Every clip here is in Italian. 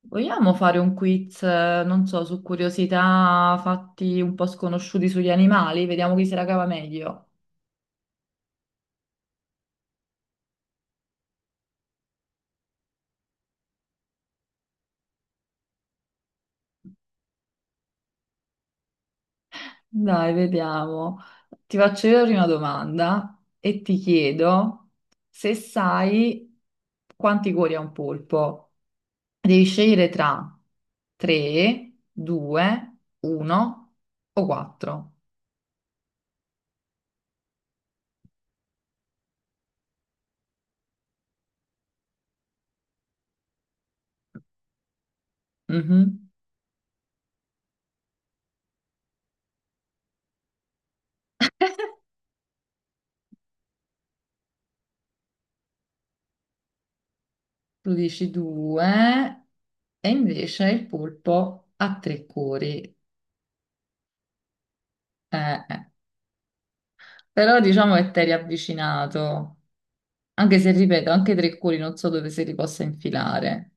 Vogliamo fare un quiz, non so, su curiosità, fatti un po' sconosciuti sugli animali? Vediamo chi se la cava meglio. Dai, vediamo. Ti faccio io la prima domanda e ti chiedo se sai quanti cuori ha un polpo. Devi scegliere tra 3, 2, 1 o 4. Mhm. Tu dici 2 e invece il polpo ha 3 cuori. Eh, eh, Però diciamo che t'eri avvicinato, anche se ripeto, anche tre cuori non so dove se li possa infilare.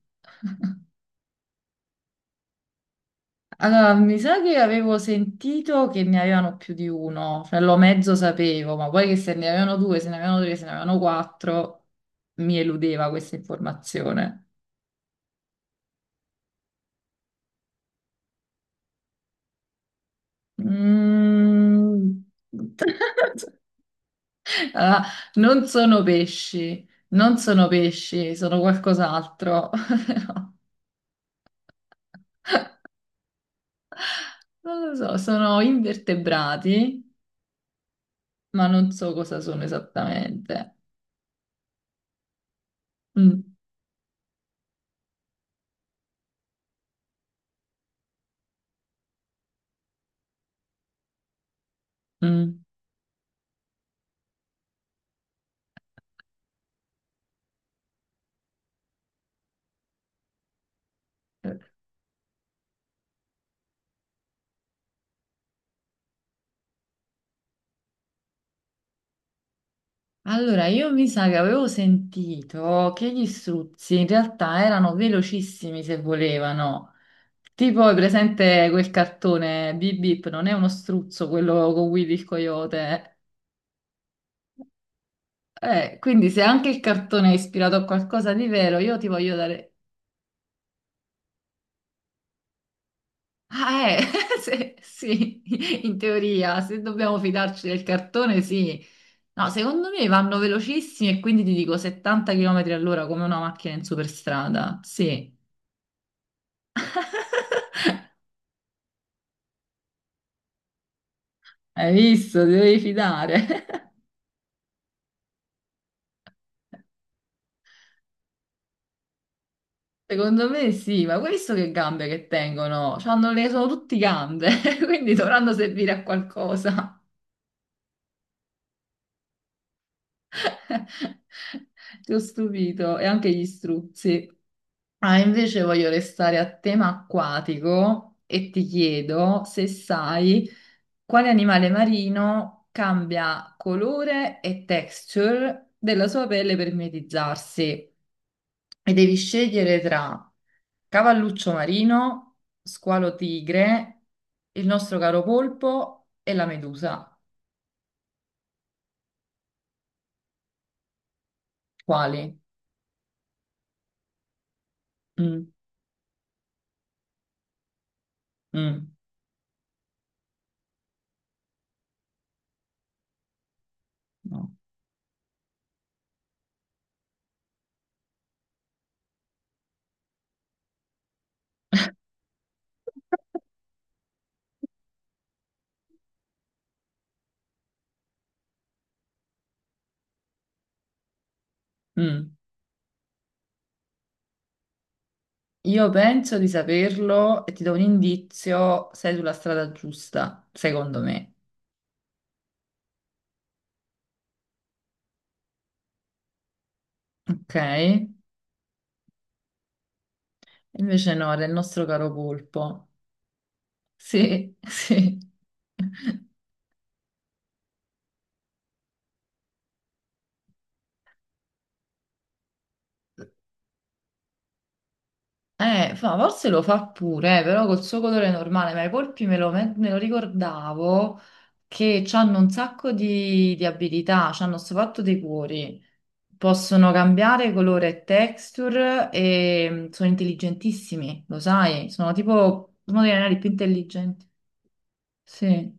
Allora, mi sa che avevo sentito che ne avevano più di uno, cioè lo mezzo sapevo, ma poi che se ne avevano due, se ne avevano tre, se ne avevano quattro, mi eludeva questa informazione. Mm. Ah, non sono pesci, non sono pesci, sono qualcos'altro. Non lo so, sono invertebrati, ma non so cosa sono esattamente. Mm, mm. Allora, io mi sa che avevo sentito che gli struzzi in realtà erano velocissimi se volevano. Tipo, è presente quel cartone Bip Bip, non è uno struzzo quello con Willy il coyote? Quindi se anche il cartone è ispirato a qualcosa di vero, io ti voglio dare. Ah, sì, in teoria, se dobbiamo fidarci del cartone, sì. No, secondo me vanno velocissimi e quindi ti dico 70 km all'ora, come una macchina in superstrada. Sì, hai visto, ti devi fidare. Secondo me sì, ma hai visto che gambe che tengono? Sono tutti gambe, quindi dovranno servire a qualcosa. Ti ho stupito, e anche gli struzzi. Ah, invece voglio restare a tema acquatico e ti chiedo se sai quale animale marino cambia colore e texture della sua pelle per mimetizzarsi. E devi scegliere tra cavalluccio marino, squalo tigre, il nostro caro polpo e la medusa. Quali? Mm, mm, no. Mm. Io penso di saperlo e ti do un indizio, sei sulla strada giusta, secondo me. Ok? Invece no, era il nostro caro polpo. Sì, sì. Forse lo fa pure, però col suo colore normale, ma i polpi me lo ricordavo che hanno un sacco di abilità, hanno sto fatto dei cuori, possono cambiare colore e texture e sono intelligentissimi, lo sai, sono tipo uno degli animali più intelligenti. Sì,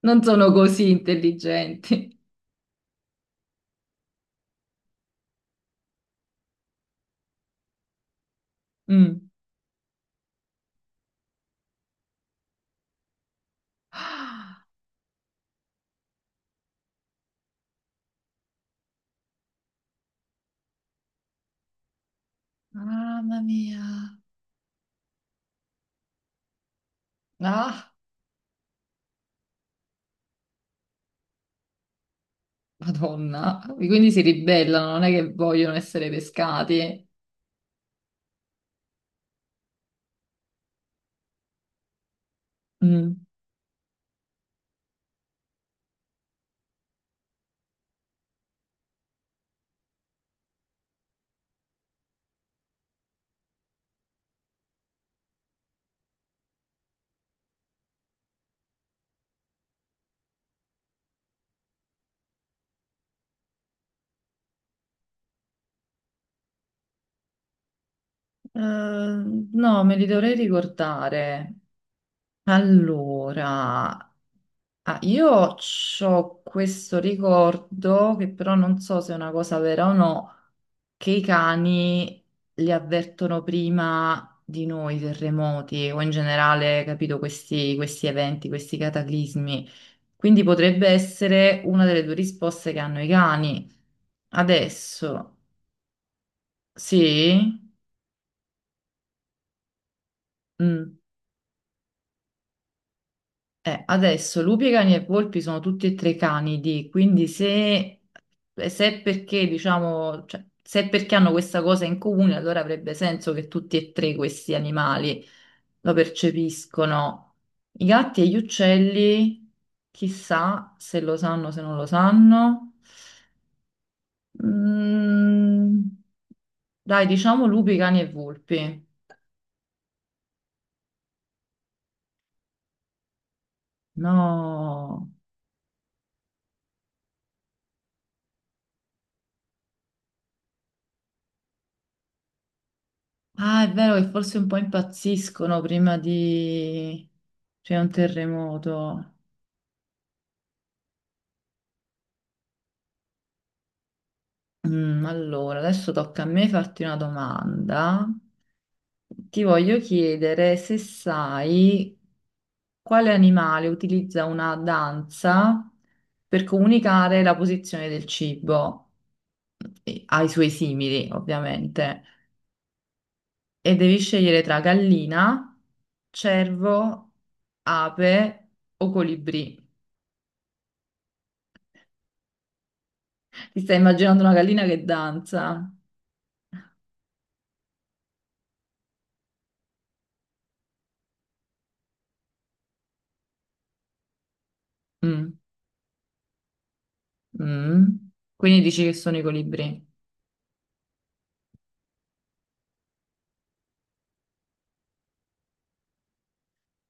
non sono così intelligenti. Mm. Ah, mamma mia. Ah, Madonna. Quindi si ribellano, non è che vogliono essere pescati. Mm. Eh, no, me li dovrei ricordare. Allora, io ho questo ricordo che però non so se è una cosa vera o no, che i cani li avvertono prima di noi, i terremoti o in generale, capito, questi eventi, questi cataclismi. Quindi potrebbe essere una delle due risposte che hanno i cani. Adesso, sì? Mm. Adesso lupi, cani e volpi sono tutti e tre canidi, quindi se è perché, diciamo, cioè, se è perché hanno questa cosa in comune, allora avrebbe senso che tutti e tre questi animali lo percepiscono. I gatti e gli uccelli, chissà se lo sanno, se non lo sanno. Mm, dai, diciamo lupi, cani e volpi. No. Ah, è vero che forse un po' impazziscono prima di c'è un terremoto. Allora, adesso tocca a me farti una domanda. Ti voglio chiedere se sai quale animale utilizza una danza per comunicare la posizione del cibo ai suoi simili, ovviamente. E devi scegliere tra gallina, cervo, ape o colibrì. Ti stai immaginando una gallina che danza? Mm, mm. Quindi dici che sono i colibri.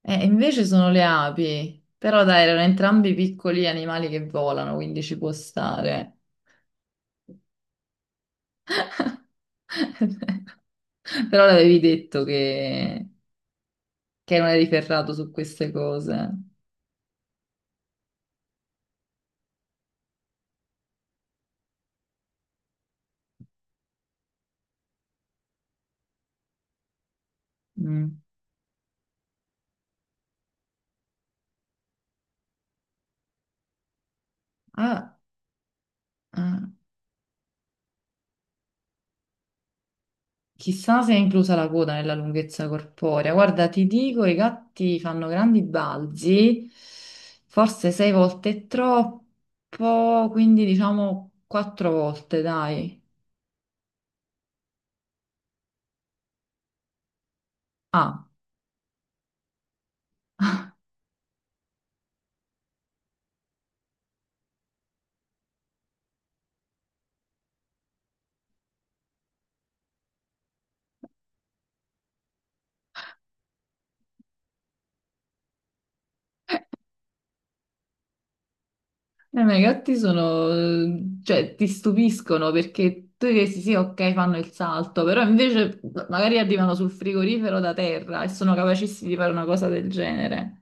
Invece sono le api. Però dai, erano entrambi piccoli animali che volano, quindi ci può stare. Però l'avevi detto che, non eri ferrato su queste cose. Mm. Ah, ah. Chissà se è inclusa la coda nella lunghezza corporea. Guarda, ti dico, i gatti fanno grandi balzi, forse sei volte è troppo, quindi diciamo quattro volte, dai. Ah, ma i gatti sono, cioè, ti stupiscono perché tu dici sì, ok, fanno il salto, però invece magari arrivano sul frigorifero da terra e sono capacissimi di fare una cosa del genere.